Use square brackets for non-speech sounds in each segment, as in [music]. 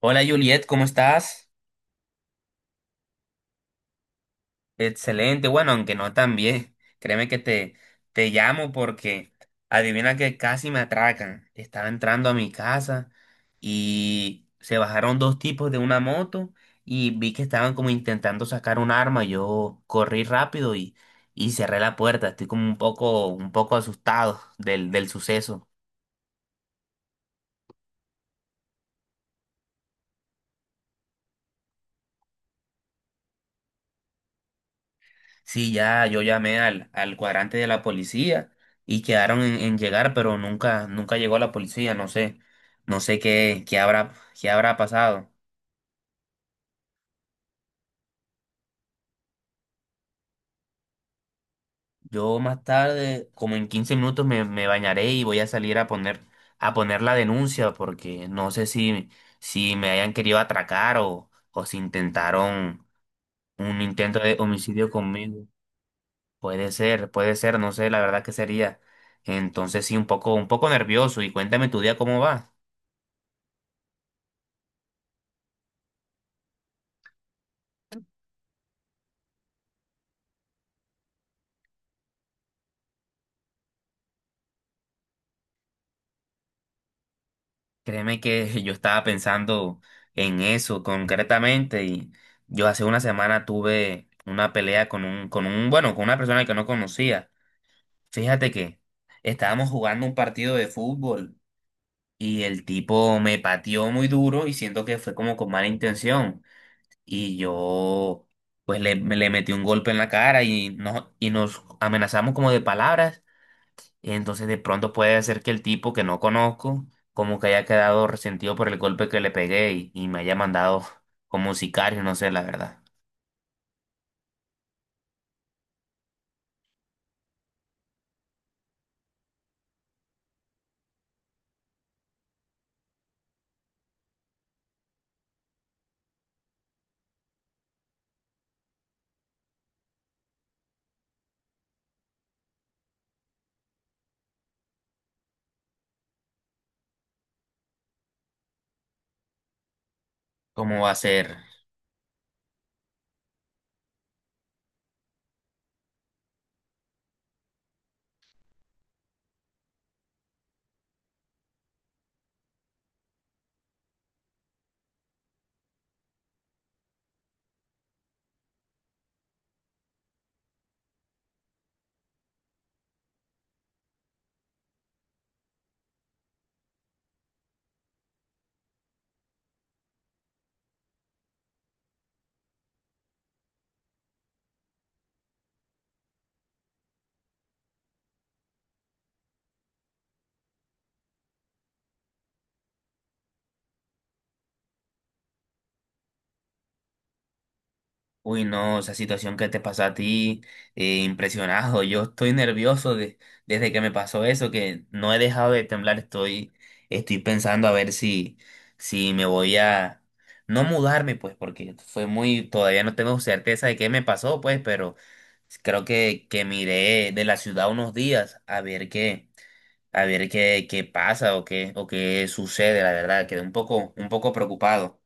Hola Juliet, ¿cómo estás? Excelente, bueno, aunque no tan bien. Créeme que te llamo porque adivina que casi me atracan. Estaba entrando a mi casa y se bajaron dos tipos de una moto y vi que estaban como intentando sacar un arma. Yo corrí rápido y cerré la puerta. Estoy como un poco asustado del suceso. Sí, ya, yo llamé al cuadrante de la policía y quedaron en llegar, pero nunca llegó la policía, no sé qué habrá pasado. Yo más tarde, como en 15 minutos, me bañaré y voy a salir a poner la denuncia, porque no sé si me hayan querido atracar o si intentaron un intento de homicidio conmigo. Puede ser, no sé, la verdad que sería. Entonces sí, un poco nervioso. Y cuéntame tu día cómo va. Créeme que [laughs] yo estaba pensando en eso concretamente y yo hace una semana tuve una pelea bueno, con una persona que no conocía. Fíjate que estábamos jugando un partido de fútbol y el tipo me pateó muy duro y siento que fue como con mala intención y yo pues le metí un golpe en la cara y, no, y nos amenazamos como de palabras. Entonces de pronto puede ser que el tipo que no conozco como que haya quedado resentido por el golpe que le pegué y me haya mandado como un sicario, no sé la verdad. ¿Cómo va a ser? Uy, no, esa situación que te pasó a ti, impresionado. Yo estoy nervioso desde que me pasó eso, que no he dejado de temblar. Estoy pensando a ver si me voy no mudarme, pues, porque fue muy, todavía no tengo certeza de qué me pasó, pues, pero creo que miré de la ciudad unos días a ver qué, a ver qué pasa o o qué sucede, la verdad. Quedé un poco preocupado.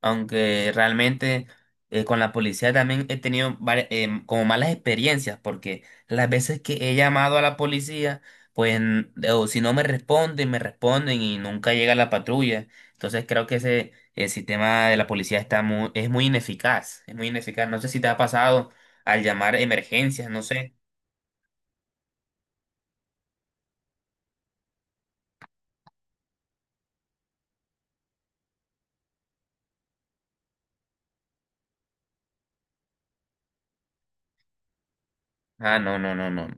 Aunque realmente con la policía también he tenido como malas experiencias, porque las veces que he llamado a la policía, pues o si no me responden, me responden y nunca llega la patrulla. Entonces creo que ese el sistema de la policía es muy ineficaz, No sé si te ha pasado al llamar emergencias, no sé. Ah, no, no, no, no.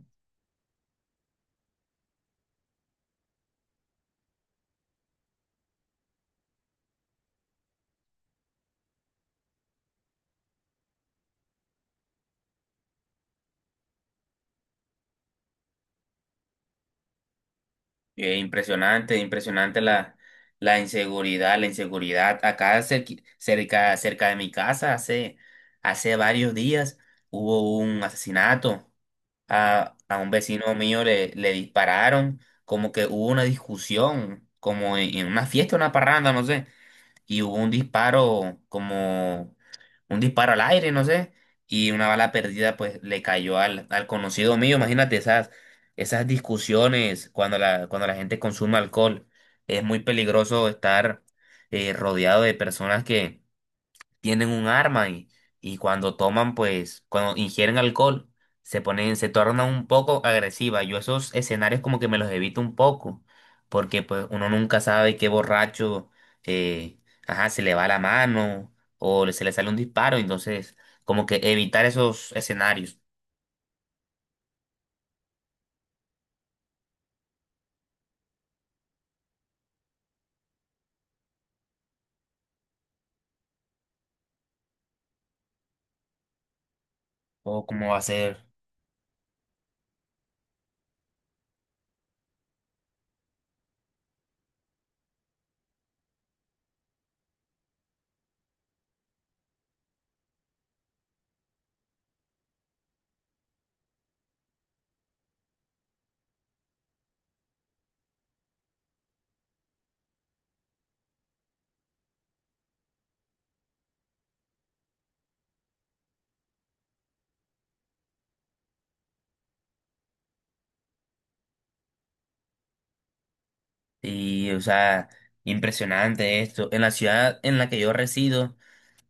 Impresionante, impresionante la inseguridad, la inseguridad. Acá cerca, cerca de mi casa, hace varios días hubo un asesinato. A un vecino mío le dispararon, como que hubo una discusión, como en una fiesta, una parranda, no sé, y hubo un disparo como un disparo al aire, no sé, y una bala perdida pues le cayó al conocido mío. Imagínate esas, esas discusiones cuando la gente consume alcohol. Es muy peligroso estar rodeado de personas que tienen un arma y cuando toman, pues, cuando ingieren alcohol, se tornan un poco agresivas. Yo esos escenarios como que me los evito un poco, porque pues uno nunca sabe qué borracho, eh, ajá, se le va la mano o se le sale un disparo, entonces como que evitar esos escenarios o cómo va a ser. Y, o sea, impresionante esto. En la ciudad en la que yo resido,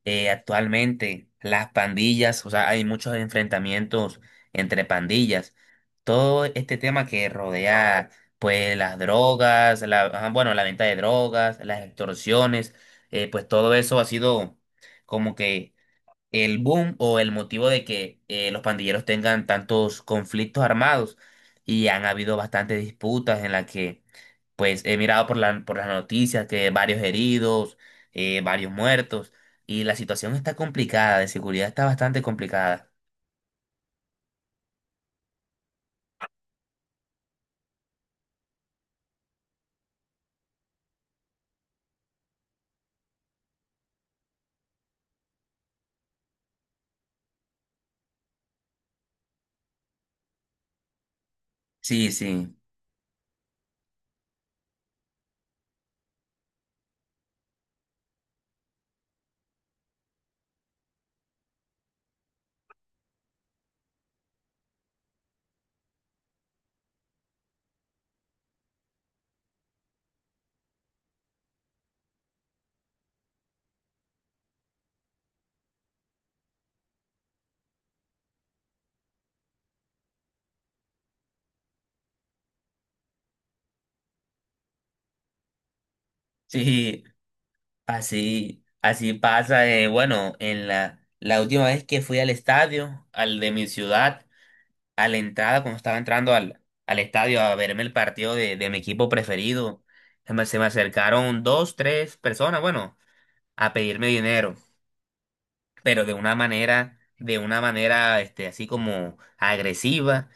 actualmente las pandillas, o sea, hay muchos enfrentamientos entre pandillas. Todo este tema que rodea, pues, las drogas, ajá, bueno, la venta de drogas, las extorsiones, pues todo eso ha sido como que el boom o el motivo de que los pandilleros tengan tantos conflictos armados y han habido bastantes disputas en las que pues he mirado por las noticias que varios heridos, varios muertos, y la situación está complicada, de seguridad está bastante complicada. Sí, sí, sí, así, así pasa. Bueno, en la última vez que fui al estadio, al de mi ciudad, a la entrada, cuando estaba entrando al estadio a verme el partido de mi equipo preferido, se me acercaron dos, tres personas, bueno, a pedirme dinero, pero de una manera, así como agresiva,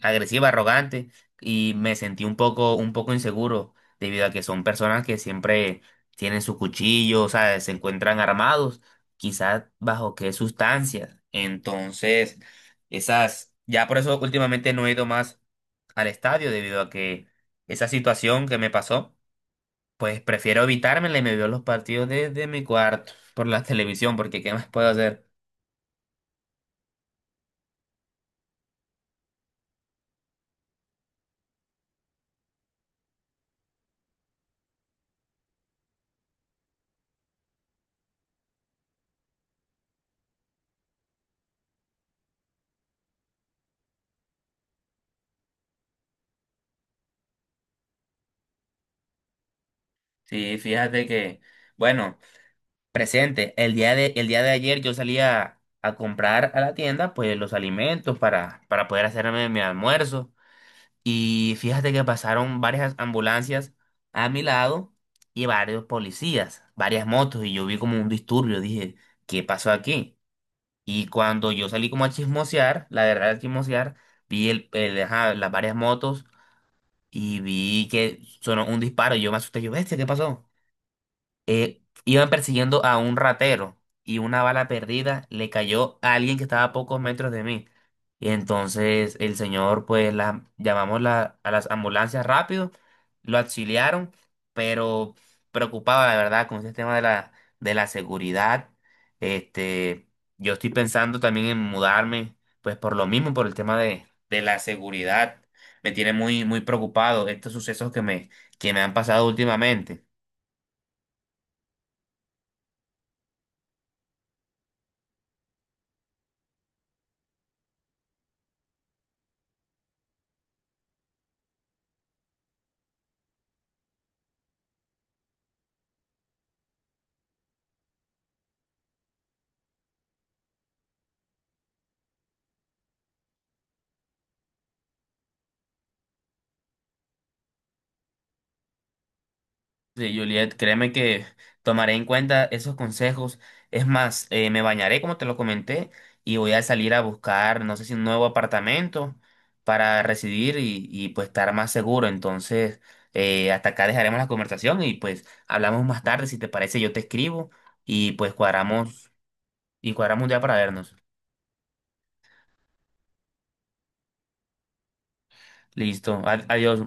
agresiva, arrogante, y me sentí un poco inseguro, debido a que son personas que siempre tienen su cuchillo, o sea, se encuentran armados, quizás bajo qué sustancias. Entonces, ya por eso últimamente no he ido más al estadio, debido a que esa situación que me pasó, pues prefiero evitármela y me veo los partidos desde mi cuarto por la [laughs] televisión, porque ¿qué más puedo hacer? Sí, fíjate que, bueno, presente, el día de ayer yo salí a comprar a la tienda pues los alimentos para poder hacerme mi almuerzo y fíjate que pasaron varias ambulancias a mi lado y varios policías, varias motos y yo vi como un disturbio, dije, ¿qué pasó aquí? Y cuando yo salí como a chismosear, la verdad a chismosear, vi ajá, las varias motos y vi que sonó un disparo y yo me asusté, yo, bestia, ¿qué pasó? Iban persiguiendo a un ratero y una bala perdida le cayó a alguien que estaba a pocos metros de mí. Y entonces el señor, pues llamamos a las ambulancias rápido, lo auxiliaron, pero preocupado, la verdad, con ese tema de la seguridad. Este, yo estoy pensando también en mudarme, pues por lo mismo, por el tema de la seguridad. Me tiene muy, muy preocupado estos sucesos que me han pasado últimamente. Sí, Juliet, créeme que tomaré en cuenta esos consejos. Es más, me bañaré, como te lo comenté, y voy a salir a buscar, no sé si un nuevo apartamento para residir pues estar más seguro. Entonces, hasta acá dejaremos la conversación y pues hablamos más tarde. Si te parece, yo te escribo y pues cuadramos un día para vernos. Listo, adiós.